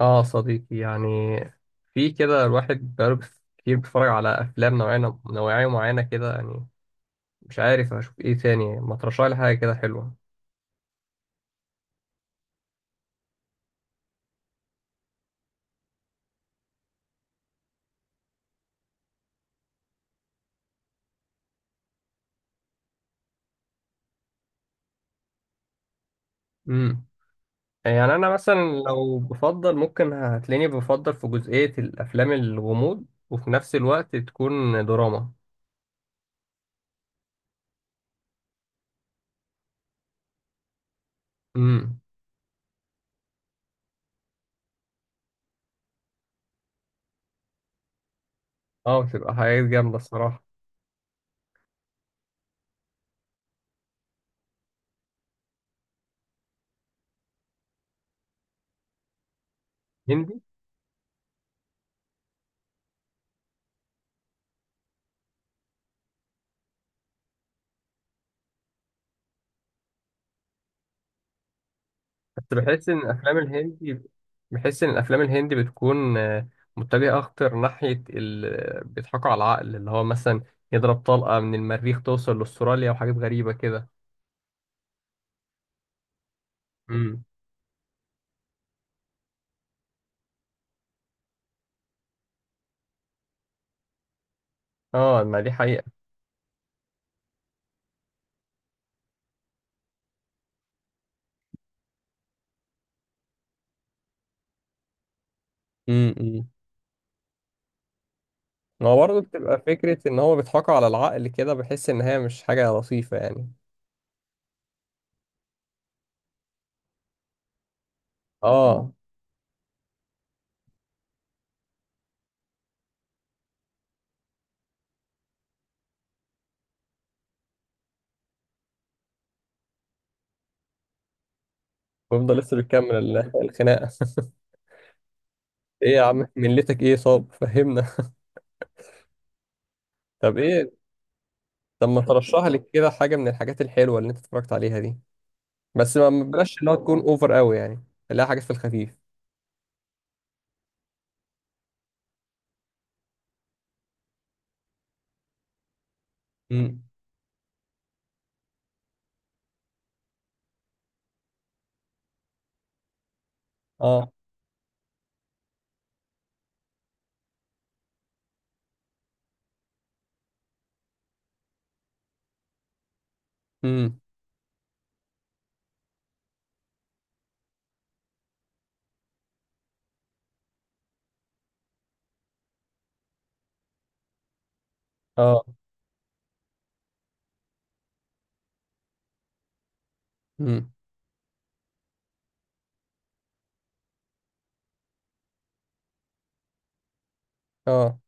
اه، صديقي يعني. في كده الواحد بقاله كتير بيتفرج على افلام نوعية، نوعية معينة كده يعني. مش عارف اشوف ايه تاني، ما ترشح لي حاجة كده حلوة؟ امم. يعني انا مثلا. لو بفضل ممكن هتلاقيني بفضل في جزئية الافلام الغموض، وفي نفس الوقت تكون دراما. امم. اه، بتبقى حاجات جامدة الصراحة. هندي. بس بحس ان الافلام الهندي بحس ان الافلام الهندي بتكون متجهه اكتر ناحيه بيضحكوا على العقل، اللي هو مثلا يضرب طلقه من المريخ توصل لاستراليا وحاجات غريبه كده. امم. اه، ما دي حقيقه. امم. هو برضه بتبقى فكره ان هو بيضحكوا على العقل كده، بحس ان هي مش حاجه لطيفه يعني. اه، ويفضل لسه بيكمل الخناقه. ايه يا عم، ملتك ايه؟ صاب فهمنا. طب ايه؟ طب ما ترشح لي كده حاجه من الحاجات الحلوه اللي انت اتفرجت عليها دي؟ بس ما بلاش اللي هو تكون اوفر قوي، يعني خليها حاجات في الخفيف. مم. اه. امم. اه. امم. اه.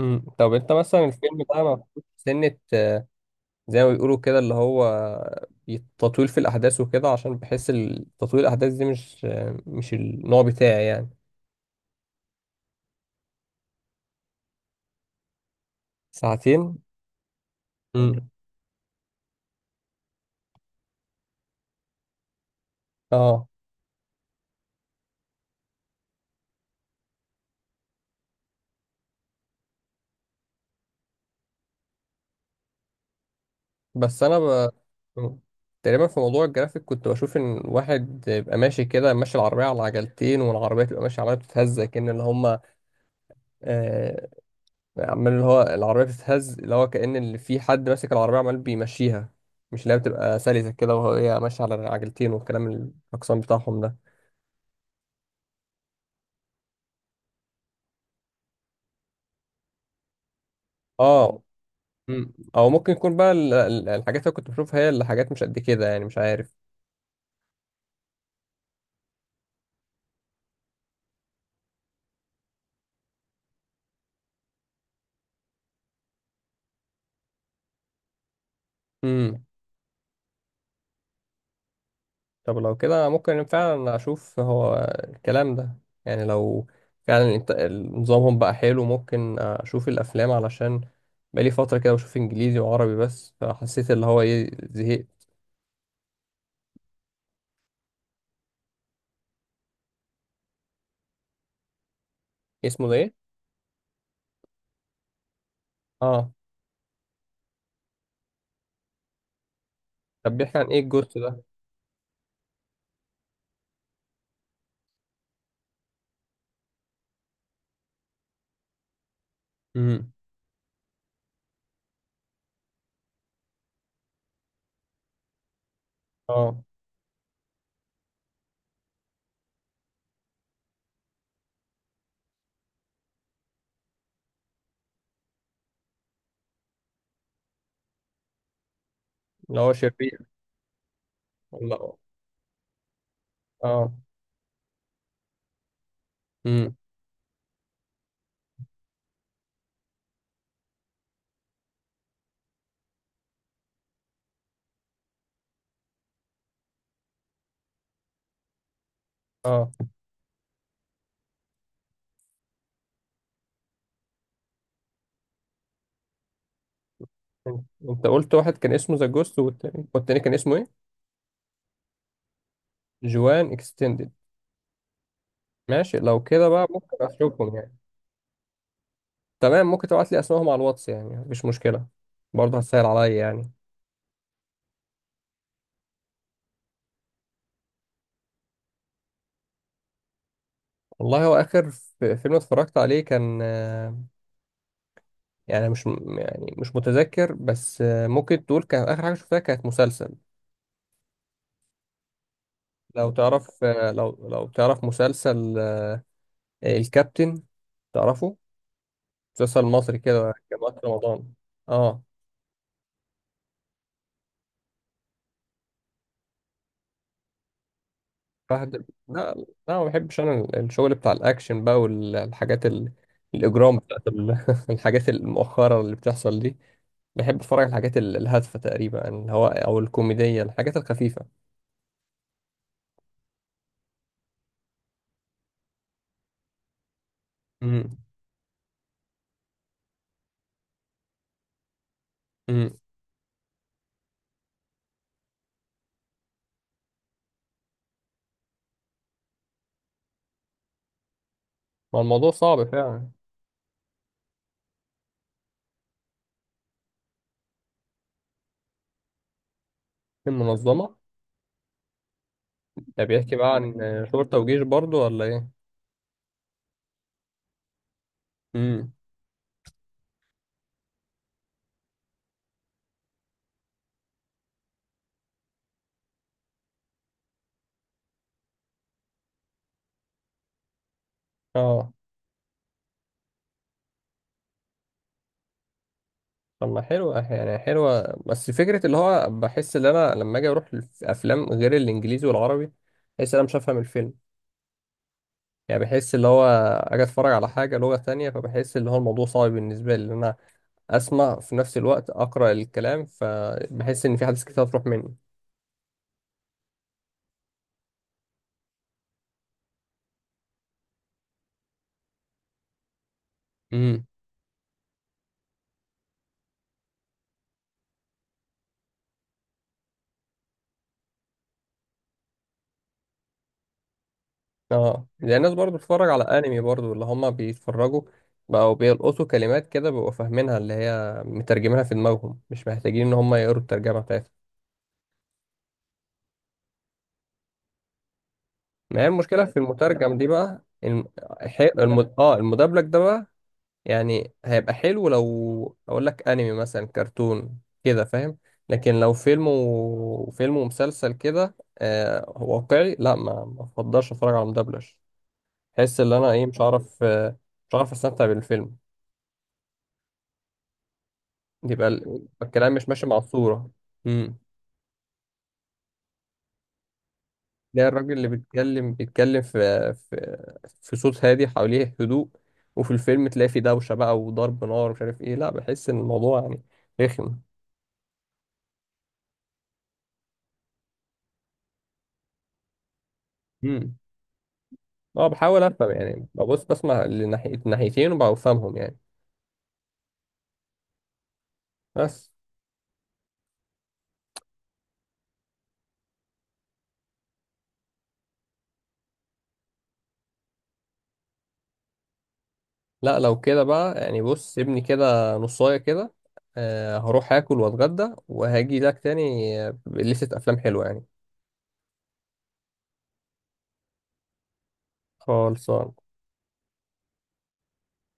امم. طب انت مثلا الفيلم ده ما فيهوش سنة، زي ما بيقولوا كده اللي هو تطويل في الاحداث وكده، عشان بحس تطويل الاحداث دي مش النوع بتاعي يعني. ساعتين. امم. اه. بس انا ب... تقريبا في موضوع الجرافيك كنت بشوف ان واحد يبقى ماشي كده، ماشي العربية على عجلتين، والعربية تبقى ماشية عمالة بتتهز كأن اللي هما عمال، اللي هو العربية بتتهز اللي هو كأن اللي في حد ماسك العربية عمال بيمشيها، مش اللي هي بتبقى سلسة كده وهي ماشية على عجلتين، والكلام الأقسام بتاعهم ده. اه. أو ممكن يكون بقى الحاجات اللي كنت بشوفها هي اللي حاجات مش قد كده يعني، مش عارف. مم. طب لو كده ممكن فعلا أشوف هو الكلام ده. يعني لو فعلا نظامهم بقى حلو، ممكن أشوف الأفلام، علشان بقالي فترة كده بشوف إنجليزي وعربي بس، فحسيت اللي هو إيه، زهقت. اسمه ده إيه؟ اه. طب بيحكي عن ايه الجوست ده؟ امم. اه. اللي هو شرير ولا. اه. امم. اه. انت انت قلت واحد كان اسمه ذا جوست، والتاني كان اسمه ايه؟ جوان اكستندد. ماشي، لو كده بقى ممكن اشوفهم يعني. تمام، ممكن تبعت لي اسمائهم على الواتس، يعني مفيش مشكلة، برضه هتسهل عليا يعني. والله، هو اخر فيلم اتفرجت عليه كان، يعني مش م- يعني مش متذكر، بس ممكن تقول كان اخر حاجة شفتها كانت مسلسل. لو تعرف آه، لو لو تعرف مسلسل الكابتن؟ تعرفه؟ مسلسل مصري كده كان وقت رمضان. اه. فهد. لا. لا، ما بحبش انا الشغل بتاع الاكشن بقى، والحاجات الاجرام بتاعت الحاجات المؤخره اللي بتحصل دي. بحب اتفرج على الحاجات الهادفه تقريبا، اللي هو او الكوميديه، الحاجات الخفيفه. امم. امم. ما الموضوع صعب فعلا. في منظمه؟ ده بيحكي بقى عن شرطه وجيش برضو ولا ايه؟ امم. اه. طب ما حلوة، يعني حلوة بس فكرة اللي هو بحس ان انا لما اجي اروح الافلام غير الانجليزي والعربي، بحس ان انا مش هفهم الفيلم. يعني بحس اللي هو اجي اتفرج على حاجة لغة تانية، فبحس اللي هو الموضوع صعب بالنسبة لي ان انا اسمع في نفس الوقت اقرأ الكلام، فبحس ان في حاجات كتير هتروح مني. امم. اه، زي الناس برضو بتتفرج على انمي برضو، اللي هما بيتفرجوا بقوا بيلقطوا كلمات كده، بيبقوا فاهمينها اللي هي مترجمينها في دماغهم، مش محتاجين ان هما يقروا الترجمة بتاعتها. ما هي المشكلة في المترجم دي بقى اه، المدبلج ده بقى. يعني هيبقى حلو لو اقول لك انمي مثلا، كرتون كده فاهم. لكن لو فيلم ومسلسل كده، واقعي، لا، ما افضلش اتفرج على مدبلج. احس ان انا ايه، مش عارف، مش عارف استمتع بالفيلم. يبقى الكلام مش ماشي مع الصورة. ده الراجل اللي بيتكلم في صوت هادي حواليه هدوء، وفي الفيلم تلاقي فيه دوشة بقى وضرب نار ومش عارف ايه. لا، بحس ان الموضوع يعني رخم. امم. اه، بحاول افهم يعني، ببص بسمع لناحية ناحيتين وبفهمهم يعني. بس. لا، لو كده بقى يعني، بص سيبني كده نصاية كده، هروح اكل واتغدى وهاجي لك تاني، بلستة افلام حلوة يعني. خالص.